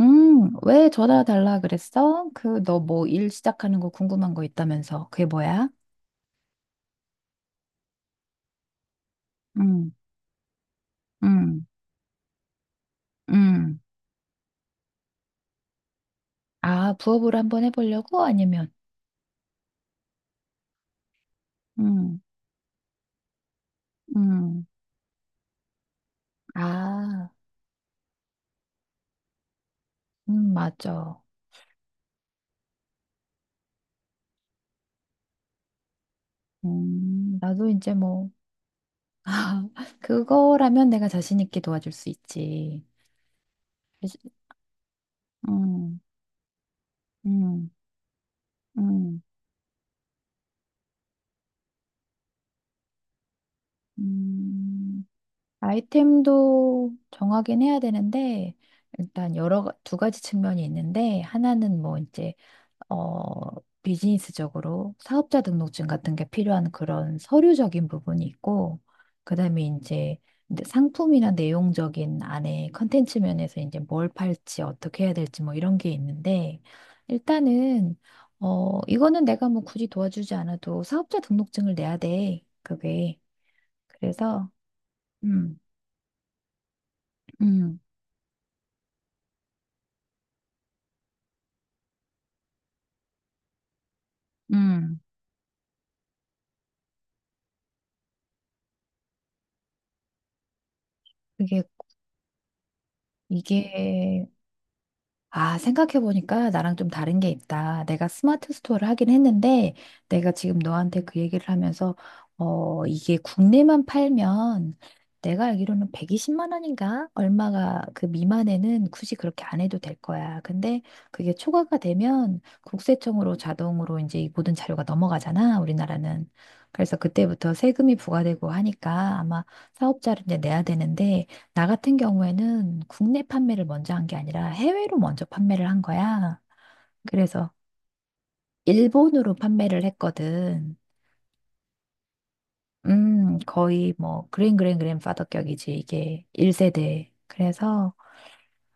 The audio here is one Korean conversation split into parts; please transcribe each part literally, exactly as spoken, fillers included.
음, 왜 전화 달라 그랬어? 그, 너 뭐 일 시작하는 거 궁금한 거 있다면서. 그게 뭐야? 음. 음. 음. 아, 부업으로 한번 해보려고? 아니면, 음. 음. 아, 음, 맞아. 음, 나도 이제 뭐. 아, 그거라면 내가 자신 있게 도와줄 수 있지. 그치? 음. 음. 음. 음. 아이템도 정하긴 해야 되는데 일단 여러 가- 두 가지 측면이 있는데 하나는 뭐 이제 어 비즈니스적으로 사업자 등록증 같은 게 필요한 그런 서류적인 부분이 있고 그다음에 이제 이제 상품이나 내용적인 안에 컨텐츠 면에서 이제 뭘 팔지 어떻게 해야 될지 뭐 이런 게 있는데 일단은 어 이거는 내가 뭐 굳이 도와주지 않아도 사업자 등록증을 내야 돼. 그게. 그래서. 음. 음. 음, 그게, 이게, 아, 생각해보니까 나랑 좀 다른 게 있다. 내가 스마트 스토어를 하긴 했는데, 내가 지금 너한테 그 얘기를 하면서, 어, 이게 국내만 팔면, 내가 알기로는 백이십만 원인가? 얼마가 그 미만에는 굳이 그렇게 안 해도 될 거야. 근데 그게 초과가 되면 국세청으로 자동으로 이제 이 모든 자료가 넘어가잖아, 우리나라는. 그래서 그때부터 세금이 부과되고 하니까 아마 사업자를 이제 내야 되는데, 나 같은 경우에는 국내 판매를 먼저 한 게 아니라 해외로 먼저 판매를 한 거야. 그래서 일본으로 판매를 했거든. 음, 거의 뭐 그랜 그랜 그랜파더격이지 이게 일 세대. 그래서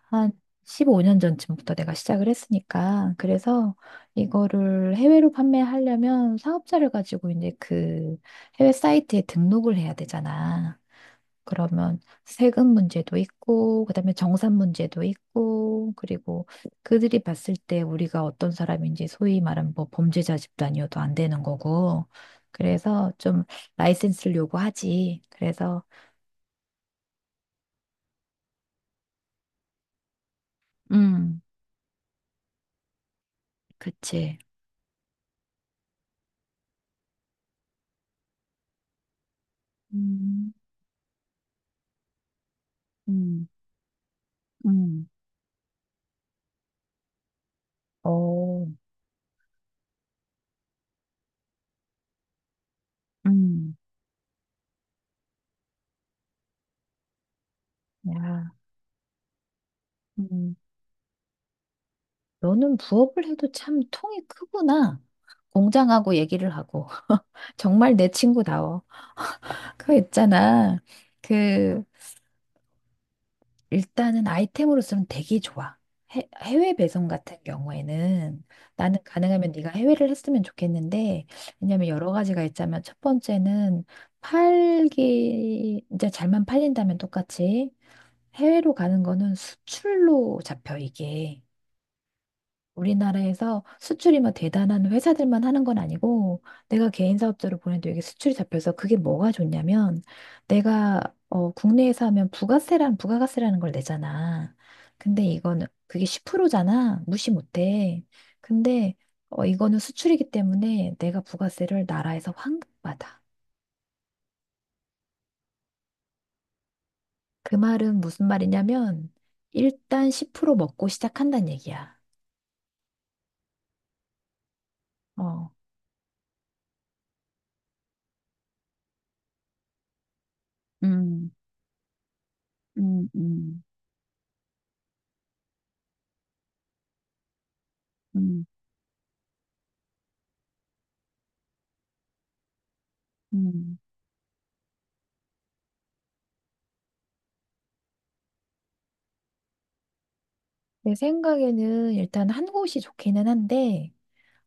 한 십오 년 전쯤부터 내가 시작을 했으니까. 그래서 이거를 해외로 판매하려면 사업자를 가지고 이제 그 해외 사이트에 등록을 해야 되잖아. 그러면 세금 문제도 있고, 그다음에 정산 문제도 있고, 그리고 그들이 봤을 때 우리가 어떤 사람인지 소위 말하면 뭐 범죄자 집단이어도 안 되는 거고, 그래서 좀 라이센스를 요구하지. 그래서. 음, 그치. 음. 음. 음. 어. 음. 야. 음. 너는 부업을 해도 참 통이 크구나. 공장하고 얘기를 하고. 정말 내 친구다워. 그거 있잖아. 그, 일단은 아이템으로서는 되게 좋아. 해, 해외 배송 같은 경우에는 나는 가능하면 네가 해외를 했으면 좋겠는데 왜냐면 여러 가지가 있자면 첫 번째는 팔기 이제 잘만 팔린다면 똑같이 해외로 가는 거는 수출로 잡혀 이게. 우리나라에서 수출이 막 대단한 회사들만 하는 건 아니고 내가 개인 사업자로 보내도 이게 수출이 잡혀서 그게 뭐가 좋냐면 내가 어, 국내에서 하면 부가세라는 부가가세라는 걸 내잖아. 근데 이거는 그게 십 퍼센트잖아. 무시 못해. 근데 어, 이거는 수출이기 때문에 내가 부가세를 나라에서 환급받아. 그 말은 무슨 말이냐면 일단 십 퍼센트 먹고 시작한다는 얘기야. 어. 음. 음. 음. 음. 음. 내 생각에는 일단 한 곳이 좋기는 한데,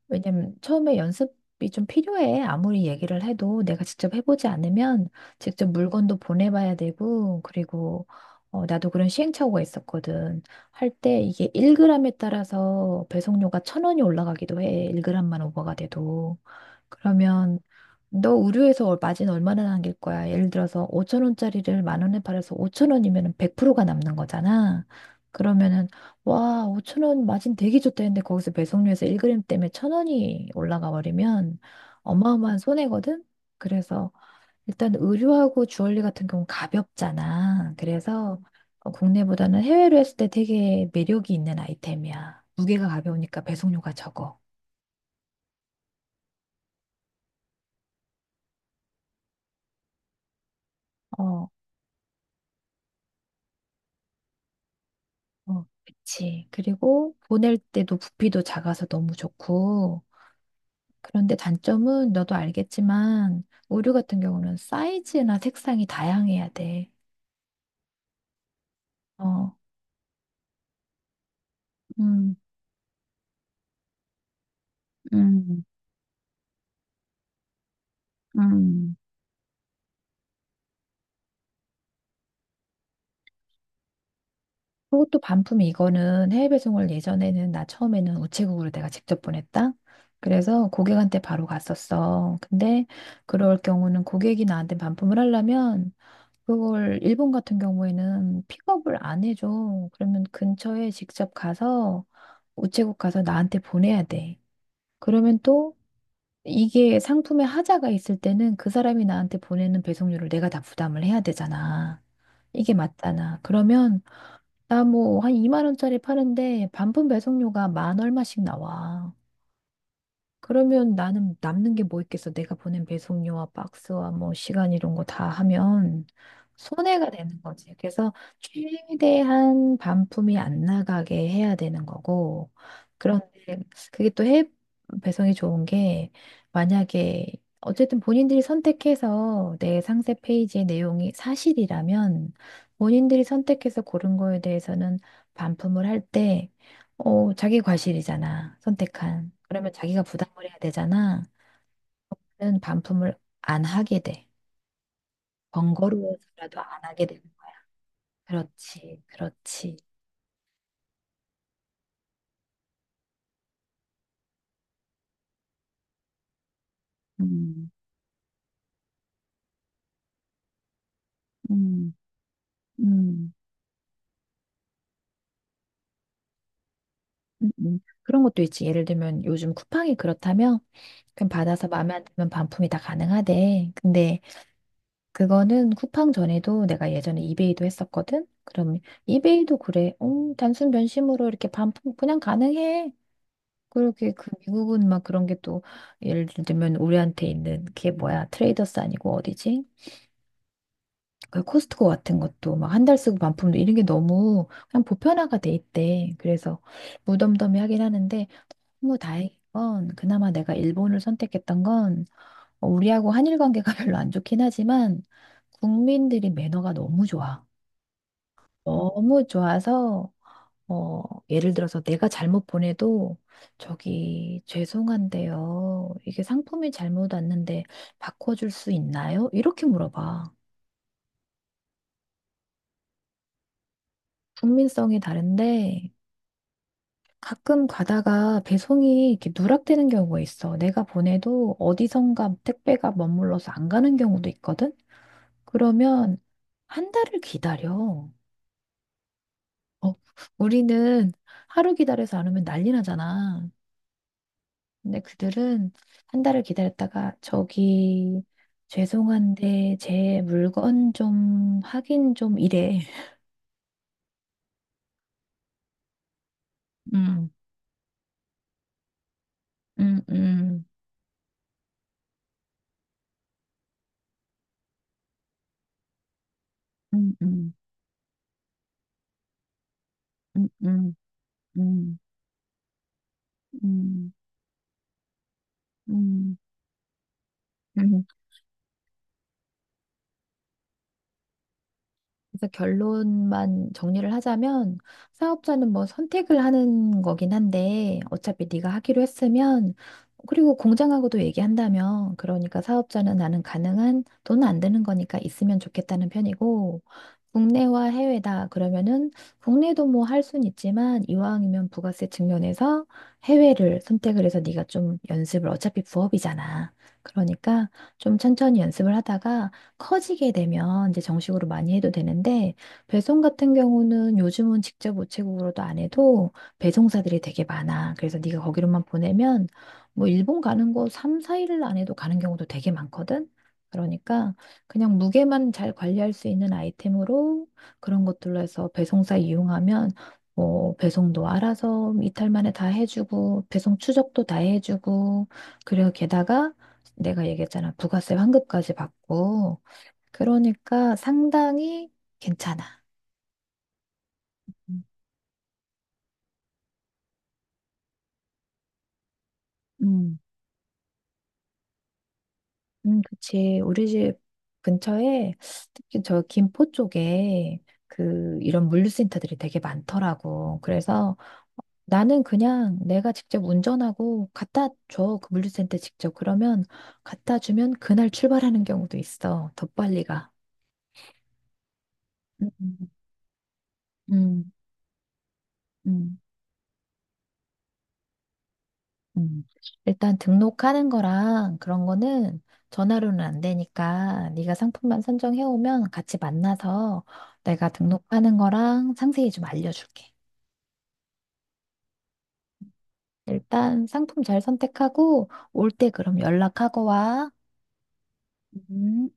왜냐면 처음에 연습이 좀 필요해. 아무리 얘기를 해도 내가 직접 해보지 않으면 직접 물건도 보내봐야 되고, 그리고 어, 나도 그런 시행착오가 있었거든. 할 때 이게 일 그램에 따라서 배송료가 천 원이 올라가기도 해. 일 그램만 오버가 돼도. 그러면 너 의류에서 얼- 마진 얼마나 남길 거야? 예를 들어서 오천 원짜리를 만 원에 팔아서 오천 원이면 백 퍼센트가 남는 거잖아. 그러면은 와, 오천 원 마진 되게 좋다 했는데 거기서 배송료에서 일 그램 때문에 천 원이 올라가 버리면 어마어마한 손해거든. 그래서 일단 의류하고 주얼리 같은 경우는 가볍잖아. 그래서 어, 국내보다는 해외로 했을 때 되게 매력이 있는 아이템이야. 무게가 가벼우니까 배송료가 적어. 어, 그치. 그리고 보낼 때도 부피도 작아서 너무 좋고. 그런데 단점은 너도 알겠지만, 의류 같은 경우는 사이즈나 색상이 다양해야 돼. 어. 음. 음. 음. 그것도 반품 이거는 해외 배송을 예전에는 나 처음에는 우체국으로 내가 직접 보냈다. 그래서 고객한테 바로 갔었어. 근데 그럴 경우는 고객이 나한테 반품을 하려면 그걸 일본 같은 경우에는 픽업을 안 해줘. 그러면 근처에 직접 가서 우체국 가서 나한테 보내야 돼. 그러면 또 이게 상품에 하자가 있을 때는 그 사람이 나한테 보내는 배송료를 내가 다 부담을 해야 되잖아. 이게 맞잖아. 그러면 나 뭐 한 이만 원짜리 파는데 반품 배송료가 만 얼마씩 나와. 그러면 나는 남는 게 뭐 있겠어? 내가 보낸 배송료와 박스와 뭐 시간 이런 거 다 하면 손해가 되는 거지. 그래서 최대한 반품이 안 나가게 해야 되는 거고. 그런데 그게 또 해외 배송이 좋은 게 만약에 어쨌든 본인들이 선택해서 내 상세 페이지의 내용이 사실이라면 본인들이 선택해서 고른 거에 대해서는 반품을 할때 어, 자기 과실이잖아. 선택한. 그러면 자기가 부담을 해야 되잖아. 그런 반품을 안 하게 돼. 번거로워서라도 안 하게 되는 거야. 그렇지, 그렇지. 음. 음. 음. 음. 음. 그런 것도 있지. 예를 들면 요즘 쿠팡이 그렇다면 그럼 받아서 마음에 안 들면 반품이 다 가능하대. 근데 그거는 쿠팡 전에도 내가 예전에 이베이도 했었거든. 그럼 이베이도 그래. 음, 단순 변심으로 이렇게 반품 그냥 가능해. 그렇게 그 미국은 막 그런 게 또 예를 들면 우리한테 있는 그게 뭐야 트레이더스 아니고 어디지? 그 코스트코 같은 것도 막 한 달 쓰고 반품도 이런 게 너무 그냥 보편화가 돼 있대. 그래서 무덤덤해하긴 하는데 뭐 다행인 건 그나마 내가 일본을 선택했던 건 어, 우리하고 한일 관계가 별로 안 좋긴 하지만 국민들이 매너가 너무 좋아. 너무 좋아서. 어, 예를 들어서 내가 잘못 보내도 저기 죄송한데요. 이게 상품이 잘못 왔는데 바꿔줄 수 있나요? 이렇게 물어봐. 국민성이 다른데 가끔 가다가 배송이 이렇게 누락되는 경우가 있어. 내가 보내도 어디선가 택배가 머물러서 안 가는 경우도 있거든? 그러면 한 달을 기다려. 어, 우리는 하루 기다려서 안 오면 난리 나잖아. 근데 그들은 한 달을 기다렸다가 저기 죄송한데 제 물건 좀 확인 좀 이래. 음. 음. 음. 음. 음. 음. 음. 음. 음. 음. 음. 그래서 결론만 정리를 하자면 사업자는 뭐 선택을 하는 거긴 한데 어차피 네가 하기로 했으면 그리고 공장하고도 얘기한다면 그러니까 사업자는 나는 가능한 돈 안 드는 거니까 있으면 좋겠다는 편이고 국내와 해외다 그러면은 국내도 뭐 할 순 있지만 이왕이면 부가세 측면에서 해외를 선택을 해서 네가 좀 연습을 어차피 부업이잖아. 그러니까 좀 천천히 연습을 하다가 커지게 되면 이제 정식으로 많이 해도 되는데 배송 같은 경우는 요즘은 직접 우체국으로도 안 해도 배송사들이 되게 많아. 그래서 네가 거기로만 보내면 뭐 일본 가는 거 삼, 사 일 안 해도 가는 경우도 되게 많거든. 그러니까 그냥 무게만 잘 관리할 수 있는 아이템으로 그런 것들로 해서 배송사 이용하면 뭐 배송도 알아서 이탈 만에 다 해주고 배송 추적도 다 해주고 그리고 게다가 내가 얘기했잖아 부가세 환급까지 받고 그러니까 상당히 괜찮아. 음. 음. 음, 그치. 우리 집 근처에 특히 저 김포 쪽에 그 이런 물류센터들이 되게 많더라고. 그래서 나는 그냥 내가 직접 운전하고 갖다 줘. 그 물류센터 직접. 그러면 갖다 주면 그날 출발하는 경우도 있어. 더 빨리 가. 음. 음. 음. 음, 일단 등록하는 거랑 그런 거는 전화로는 안 되니까 네가 상품만 선정해 오면 같이 만나서 내가 등록하는 거랑 상세히 좀 알려줄게. 일단 상품 잘 선택하고 올 때 그럼 연락하고 와. 음.